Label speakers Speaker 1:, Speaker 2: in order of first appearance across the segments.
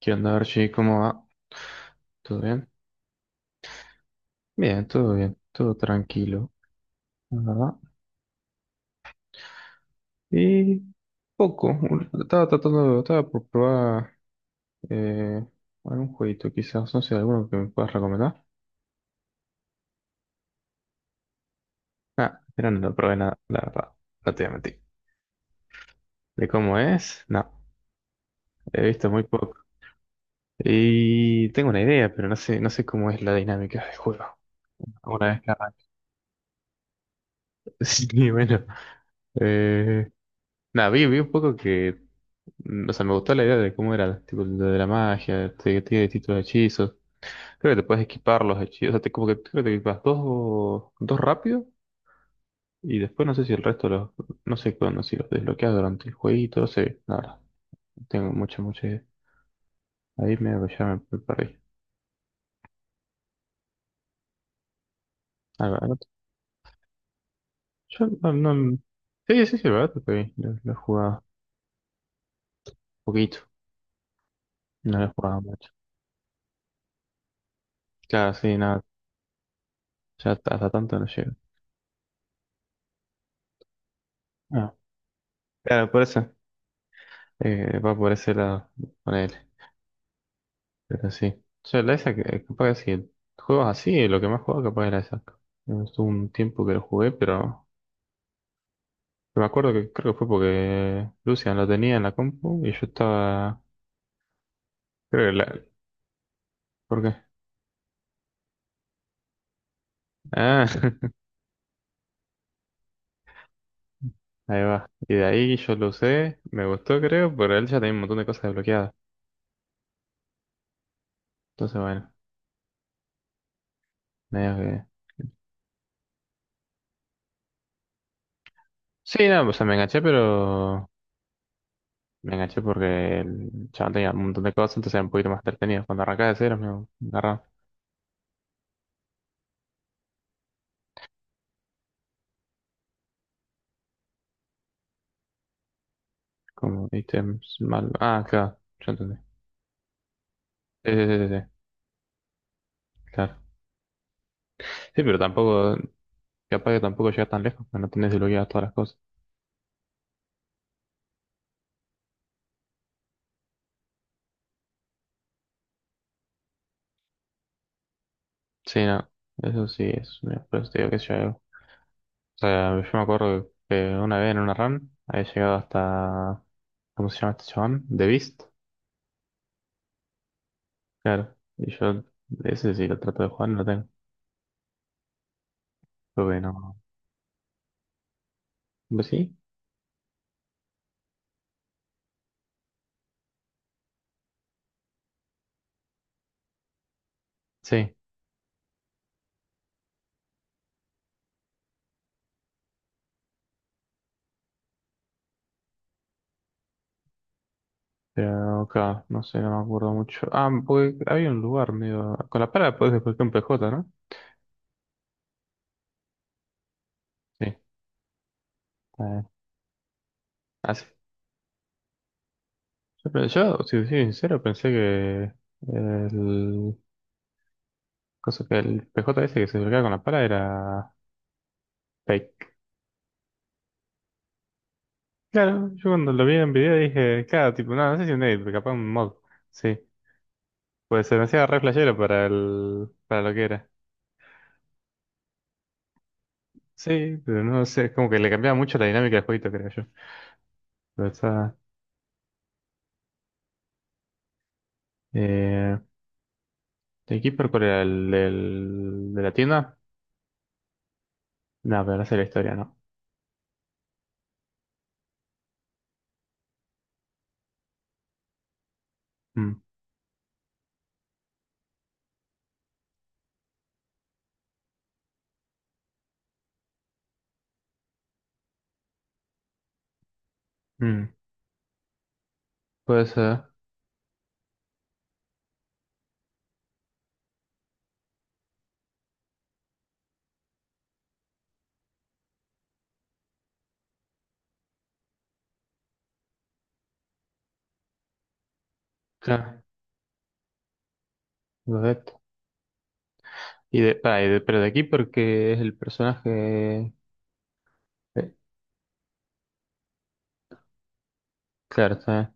Speaker 1: ¿Qué onda, Archie? ¿Cómo va? ¿Todo bien? Bien, todo tranquilo, la verdad. Y poco, estaba tratando, estaba por probar eh, algún jueguito quizás, no sé, alguno que me puedas recomendar. Ah, pero no lo probé nada, la verdad, no te voy a mentir. ¿De cómo es? No, he visto muy poco. Y tengo una idea, pero no sé, no sé cómo es la dinámica del juego. Una vez que arranque. Sí, bueno. Eh, nada, vi un poco que o sea, me gustó la idea de cómo era, tipo, lo de la magia, que tiene distintos hechizos. Creo que te puedes equipar los hechizos, o sea, te, como que creo que te equipas dos, dos rápido y después no sé si el resto los, no sé cuándo, si los desbloqueas durante el jueguito, no sé, la verdad, no tengo mucha idea. Ahí me, me perdí. Ah, la verdad, yo sí, sí, sí, la verdad, te pedí, lo he jugado poquito, no lo he jugado mucho. Claro, sí, nada, ya hasta tanto no llego. Ah, claro, por eso, va por ese lado, ponele. Pero sí. O sea, la esa que capaz que si juegas así, lo que más jugaba capaz era esa. Estuvo un tiempo que lo jugué, pero me acuerdo que creo que fue porque Lucian lo tenía en la compu y yo estaba. Creo que la. ¿Por qué? Ah, ahí va. Y de ahí yo lo usé, me gustó creo, pero él ya tenía un montón de cosas desbloqueadas. Entonces, bueno, medio que. Sí, no, o sea, me enganché, pero me enganché porque el chaval tenía un montón de cosas, entonces era un poquito más entretenido. Cuando arrancaba de cero, me agarraba. Como ítems mal. Ah, claro, ya entendí. Sí, sí, sí, sí, sí, claro. Sí, pero tampoco, capaz que tampoco llegas tan lejos, que no tenés desbloqueadas todas las cosas. Sí, no, eso sí es, por eso te digo que yo. O sea, yo me acuerdo que una vez en una run había llegado hasta, ¿cómo se llama este chabón? The Beast, claro. Y yo, ese sí lo trato de jugar, no lo tengo. Creo que no. ¿Pues sí? Sí. Pero, claro, no sé, no me acuerdo mucho. Ah, porque había un lugar medio, con la pala podés desbloquear un PJ, ¿no? Sí, está. Yo, si te soy sincero, pensé que el, cosa que el PJ ese que se acercaba con la pala era fake. Claro, yo cuando lo vi en video dije, claro, tipo, no, no sé si un edit, pero capaz un mod. Sí, pues se me hacía re flashero para, el, para lo que era. Sí, pero no sé, es como que le cambiaba mucho la dinámica del jueguito, creo yo. Pero está. Eh, ¿El Keeper cuál era? ¿El del, de la tienda? No, pero no sé la historia, ¿no? Mm, mm, puede ser, claro. Y pero de aquí porque es el personaje. eh, claro, está.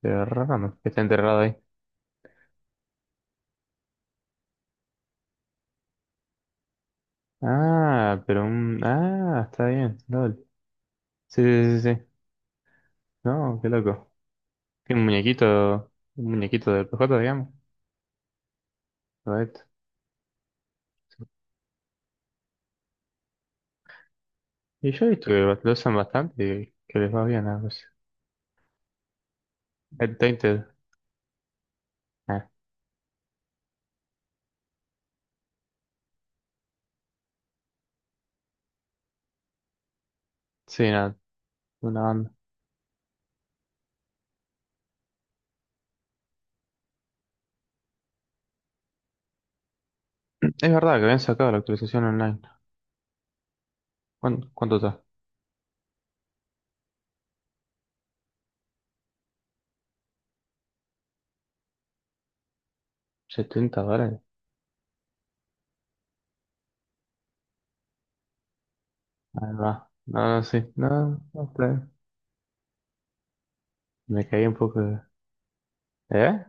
Speaker 1: Pero raro que está enterrado ahí. Ah, pero un. Ah, está bien. LOL. Sí, sí, sí, sí. No, qué loco. Qué muñequito. Un muñequito del PJ, digamos. Correcto. Y yo he visto que lo usan bastante y que les va bien a veces. El Tainted. Ah, sí, nada. Una banda. Es verdad que habían sacado la actualización online. ¿Cuánto, cuánto está? ¿70 dólares? Ahí va. No, no, sí. No, no, está bien. Me caí un poco. De- ¿Eh?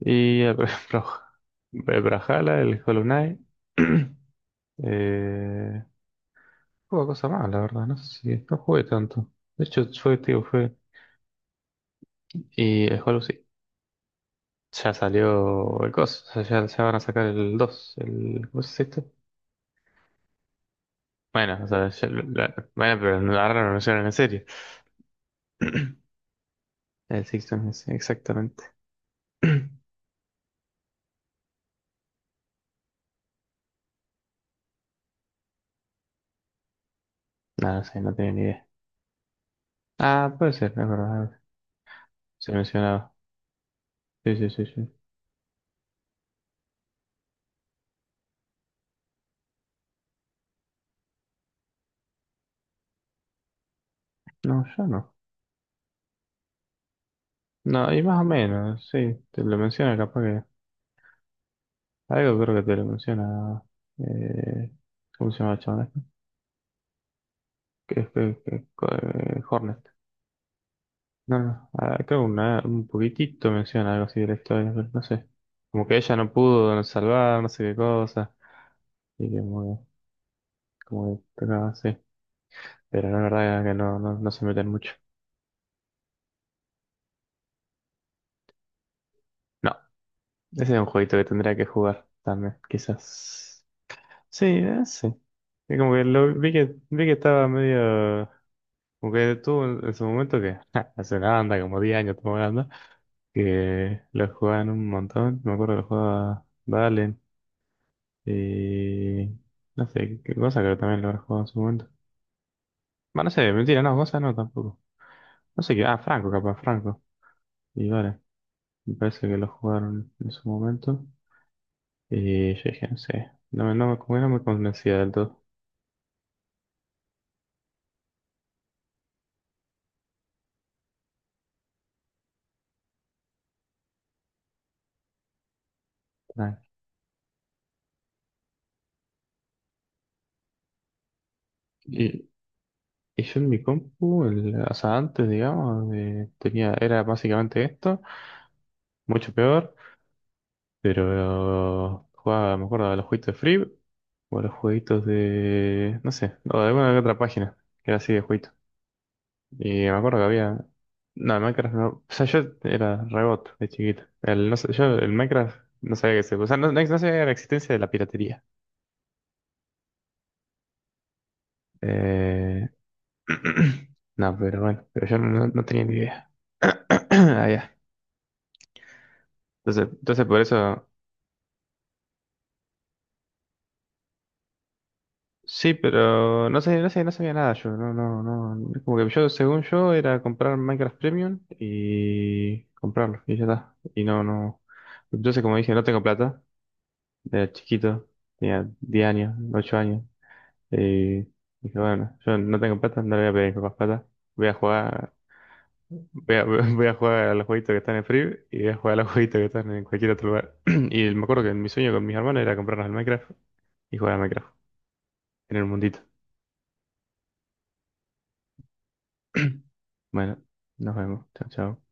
Speaker 1: Y el el Brawlhalla, el Hollow Knight. Eh, juego cosa más, la verdad. No sé si. No jugué tanto. De hecho, fue, tío, fue. Y el Hollow sí. Ya salió el coso. O sea, ya van a sacar el 2 El, ¿cómo es esto? Bueno, o sea, bueno, pero ahora lo anunciaron en serio. El Sixton es exactamente. No, no sé, no tenía ni idea. Ah, puede ser, es verdad. Se mencionaba. Sí, sí, sí, sí. No, yo no. No, y más o menos, sí, te lo menciona capaz que. Algo creo que te lo menciona. Eh, ¿Cómo se llama el chabón este? Que Hornet. No, no, ah, creo que un poquitito menciona algo así de la historia, pero no sé. Como que ella no pudo salvar, no sé qué cosa. Y que como, como que tocaba así. Pero la verdad que no, no, no se meten mucho. No, ese es un jueguito que tendría que jugar también, quizás. Sí, sí. Es como que lo vi que estaba medio. Porque tú en su momento que hace una banda, como 10 años estamos hablando, que lo jugaban un montón. Me acuerdo que lo jugaba Valen y no sé, qué cosa creo que también lo habrá jugado en su momento. Bueno, no sé, mentira, no, cosa no tampoco. No sé qué, ah, Franco, capaz, Franco. Y vale, me parece que lo jugaron en su momento. Y yo dije, no sé, no me, como que no me convencía del todo. Tranqui. Y, y yo en mi compu, o sea, antes, digamos, tenía, era básicamente esto mucho peor. Pero jugaba, me acuerdo, a los jueguitos de Free o a los jueguitos de, no sé, o de alguna que otra página que era así de jueguito. Y me acuerdo que había, no, el Minecraft no, o sea, yo era rebot de chiquito. El, no sé, yo el Minecraft no sabía que se, o sea, no no sabía la existencia de la piratería. Eh, no, pero bueno, pero yo no, no tenía ni idea. Ah, ya. Entonces, entonces por eso. Sí, pero no sé, no sé, no sabía nada yo, no, no, no. Como que yo, según yo, era comprar Minecraft Premium y comprarlo, y ya está. Y no, no. Entonces, como dije, no tengo plata, era chiquito, tenía 10 años, 8 años. Y dije, bueno, yo no tengo plata, no le voy a pedir a mis papás plata. Voy a jugar, voy a, voy a jugar a los jueguitos que están en Free y voy a jugar a los jueguitos que están en cualquier otro lugar. Y me acuerdo que mi sueño con mis hermanos era comprarnos el Minecraft y jugar al Minecraft en el mundito. Bueno, nos vemos. Chao, chao.